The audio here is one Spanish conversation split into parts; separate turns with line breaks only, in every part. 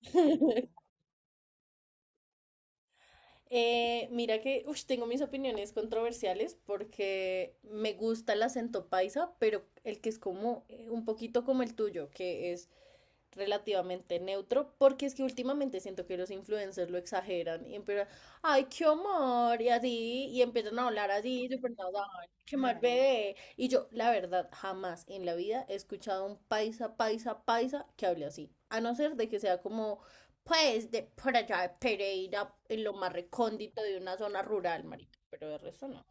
Mira que, ush, tengo mis opiniones controversiales porque me gusta el acento paisa, pero el que es como un poquito como el tuyo, que es relativamente neutro, porque es que últimamente siento que los influencers lo exageran y empiezan, ay, qué amor, y así, y empiezan a hablar así, súper natural, qué mal bebé. Y yo, la verdad, jamás en la vida he escuchado a un paisa, paisa, paisa que hable así, a no ser de que sea como, pues, de por allá de Pereira, en lo más recóndito de una zona rural, marica, pero de resto no.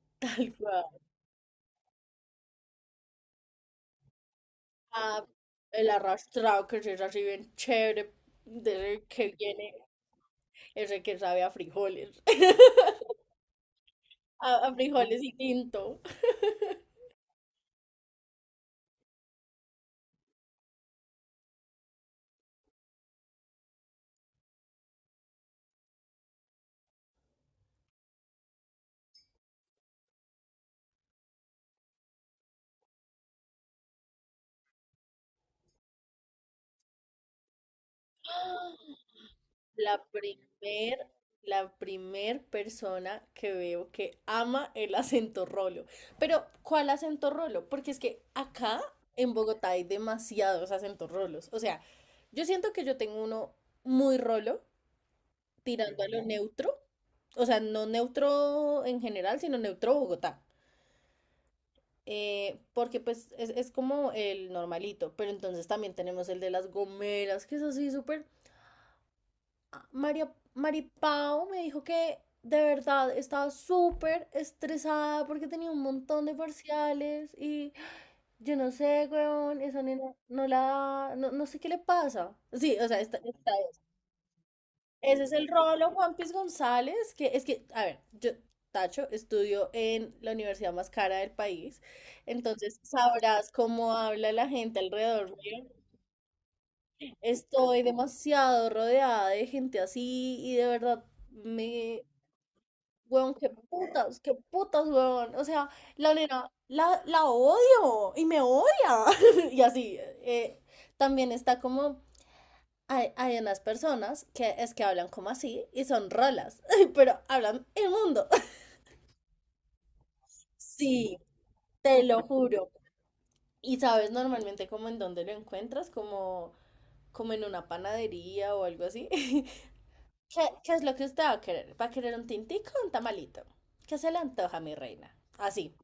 Tal cual. Ah, el arrastrado que es así bien chévere, desde que viene ese que sabe a frijoles. A frijoles y tinto. La primer, la primer persona que veo que ama el acento rolo. Pero, ¿cuál acento rolo? Porque es que acá en Bogotá hay demasiados acentos rolos. O sea, yo siento que yo tengo uno muy rolo, tirando a lo neutro. O sea, no neutro en general, sino neutro Bogotá. Porque pues es como el normalito, pero entonces también tenemos el de las gomeras, que es así súper... Ah, María, Maripao me dijo que de verdad estaba súper estresada porque tenía un montón de parciales y yo no sé, weón, esa nena no la... No, no sé qué le pasa. Sí, o sea, está, ese es el Rolo Juan Piz González, que es que, a ver, yo, Tacho, estudio en la universidad más cara del país, entonces sabrás cómo habla la gente alrededor mío. Estoy demasiado rodeada de gente así y de verdad me... Weón, qué putas, weón. O sea, la nena, la odio y me odia. Y así. eh, También está como hay unas personas que es que hablan como así y son rolas, pero hablan el mundo. Sí, te lo juro. Y sabes normalmente como en dónde lo encuentras, como, como en una panadería o algo así. Qué es lo que usted va a querer? ¿Va a querer un tintico o un tamalito? ¿Qué se le antoja, mi reina? Así.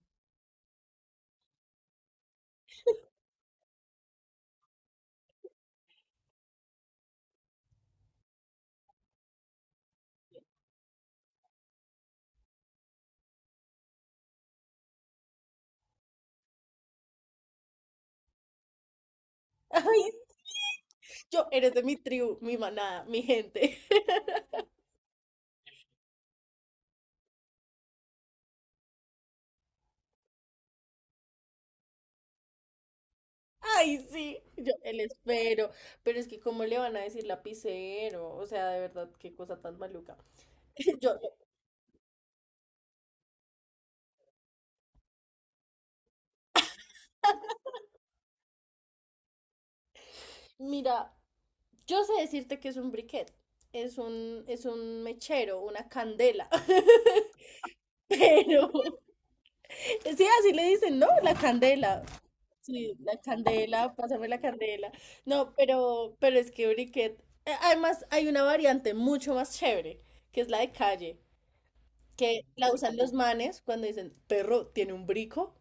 Ay, sí, yo eres de mi tribu, mi manada, mi gente. Ay, sí, yo el espero, pero es que cómo le van a decir lapicero, o sea, de verdad, qué cosa tan maluca. Yo, mira, yo sé decirte que es un briquet, es un mechero, una candela, pero, sí, así le dicen, ¿no? La candela, sí, la candela, pásame la candela. No, pero, es que briquet, además hay una variante mucho más chévere, que es la de calle, que la usan los manes cuando dicen, perro, tiene un brico.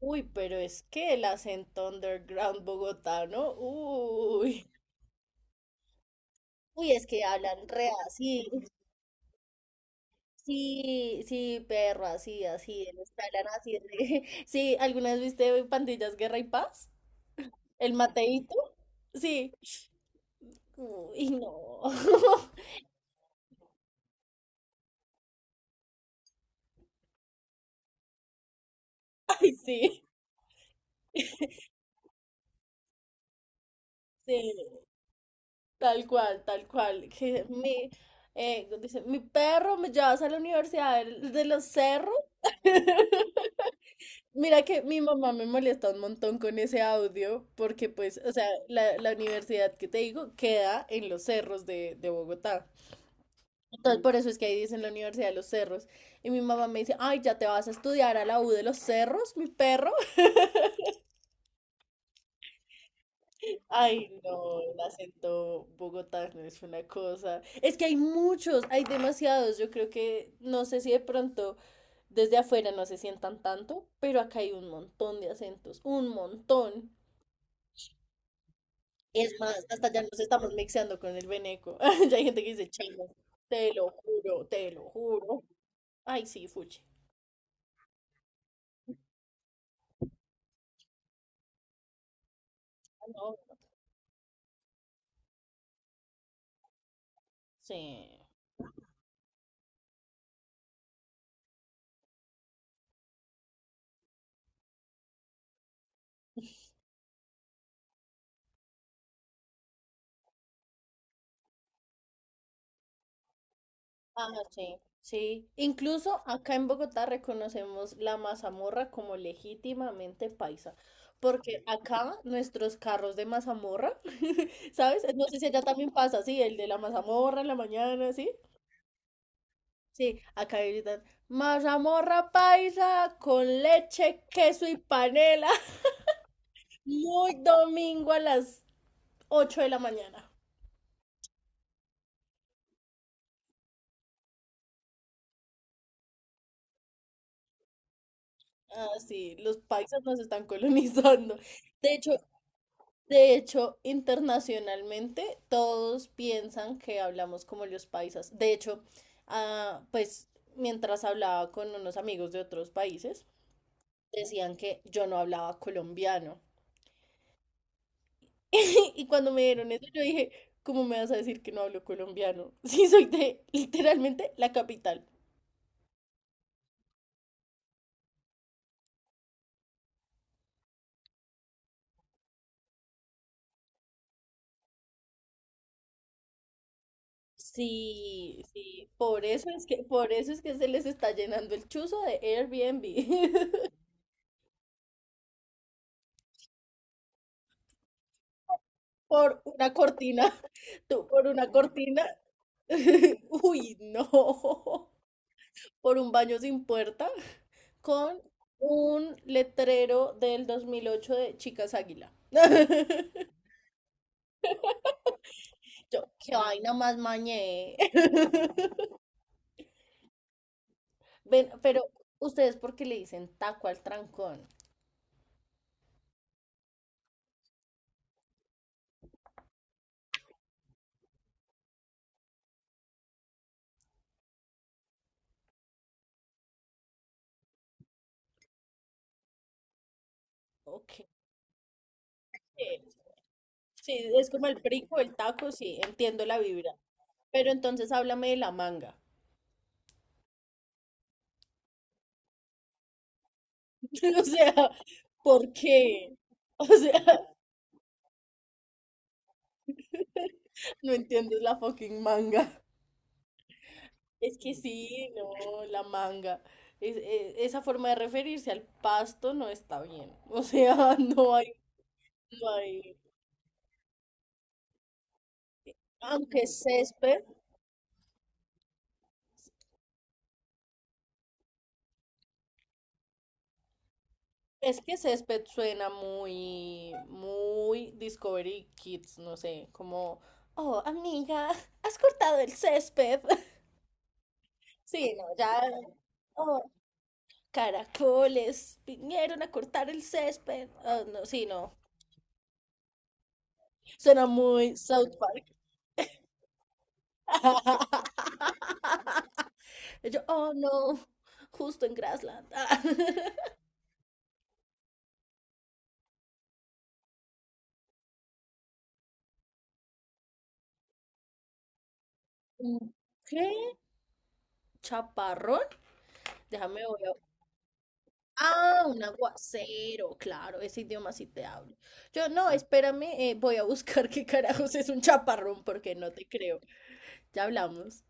Uy, pero es que el acento underground bogotano, uy. Uy, es que hablan re así. Sí, sí, perro, así, así, ellos que hablan así. Re- sí, ¿alguna vez viste Pandillas Guerra y Paz? ¿El Mateito? Sí. Uy, no. Ay, sí, sí. Tal cual, tal cual. Que mi, dice, mi perro me llevas a la universidad del- de los cerros. Mira que mi mamá me molesta un montón con ese audio porque pues, o sea, la universidad que te digo queda en los cerros de Bogotá. Entonces, por eso es que ahí dicen la Universidad de los Cerros. Y mi mamá me dice, ay, ya te vas a estudiar a la U de los Cerros, mi perro. Ay, no, el acento bogotano es una cosa. Es que hay muchos, hay demasiados. Yo creo que, no sé si de pronto desde afuera no se sientan tanto, pero acá hay un montón de acentos, un montón. Es más, hasta ya nos estamos mixeando con el veneco. Ya hay gente que dice chino. Te lo juro, te lo juro. Ay, sí, fuchi. Ah, no, sí. Ah, sí, sí. Incluso acá en Bogotá reconocemos la mazamorra como legítimamente paisa. Porque acá nuestros carros de mazamorra, ¿sabes? No sé si allá también pasa, sí, el de la mazamorra en la mañana, ¿sí? Sí, acá gritan, mazamorra paisa con leche, queso y panela. Muy domingo a las 8 de la mañana. Ah, sí, los paisas nos están colonizando. De hecho, de hecho, internacionalmente todos piensan que hablamos como los paisas. De hecho, pues mientras hablaba con unos amigos de otros países, decían que yo no hablaba colombiano. Y cuando me dieron eso, yo dije, ¿cómo me vas a decir que no hablo colombiano? Sí, soy de literalmente la capital. Sí, sí, por eso es que se les está llenando el chuzo de Airbnb. Por una cortina, tú, por una cortina. Uy, no. Por un baño sin puerta con un letrero del 2008 de Chicas Águila. Yo, qué vaina más mañé. Ven, pero ustedes, ¿por qué le dicen taco al trancón? Ok. Sí, sí, es como el brico, el taco, sí, entiendo la vibra. Pero entonces háblame de la manga. O sea, ¿por qué? O sea, no entiendes la fucking manga. Es que sí, no, la manga. Esa forma de referirse al pasto no está bien. O sea, no hay. Aunque césped, es que césped suena muy, muy Discovery Kids, no sé, como, oh, amiga, has cortado el césped. Sí, no, ya. "Oh, Caracoles vinieron a cortar el césped. Ah, no, sí, no. Suena muy South Park. Y yo, oh no, justo en Grassland. ¿Un qué? ¿Chaparrón? Déjame voy a- Ah, un aguacero, claro, ese idioma sí te hablo. Yo, no, espérame, voy a buscar qué carajos es un chaparrón porque no te creo. Ya hablamos.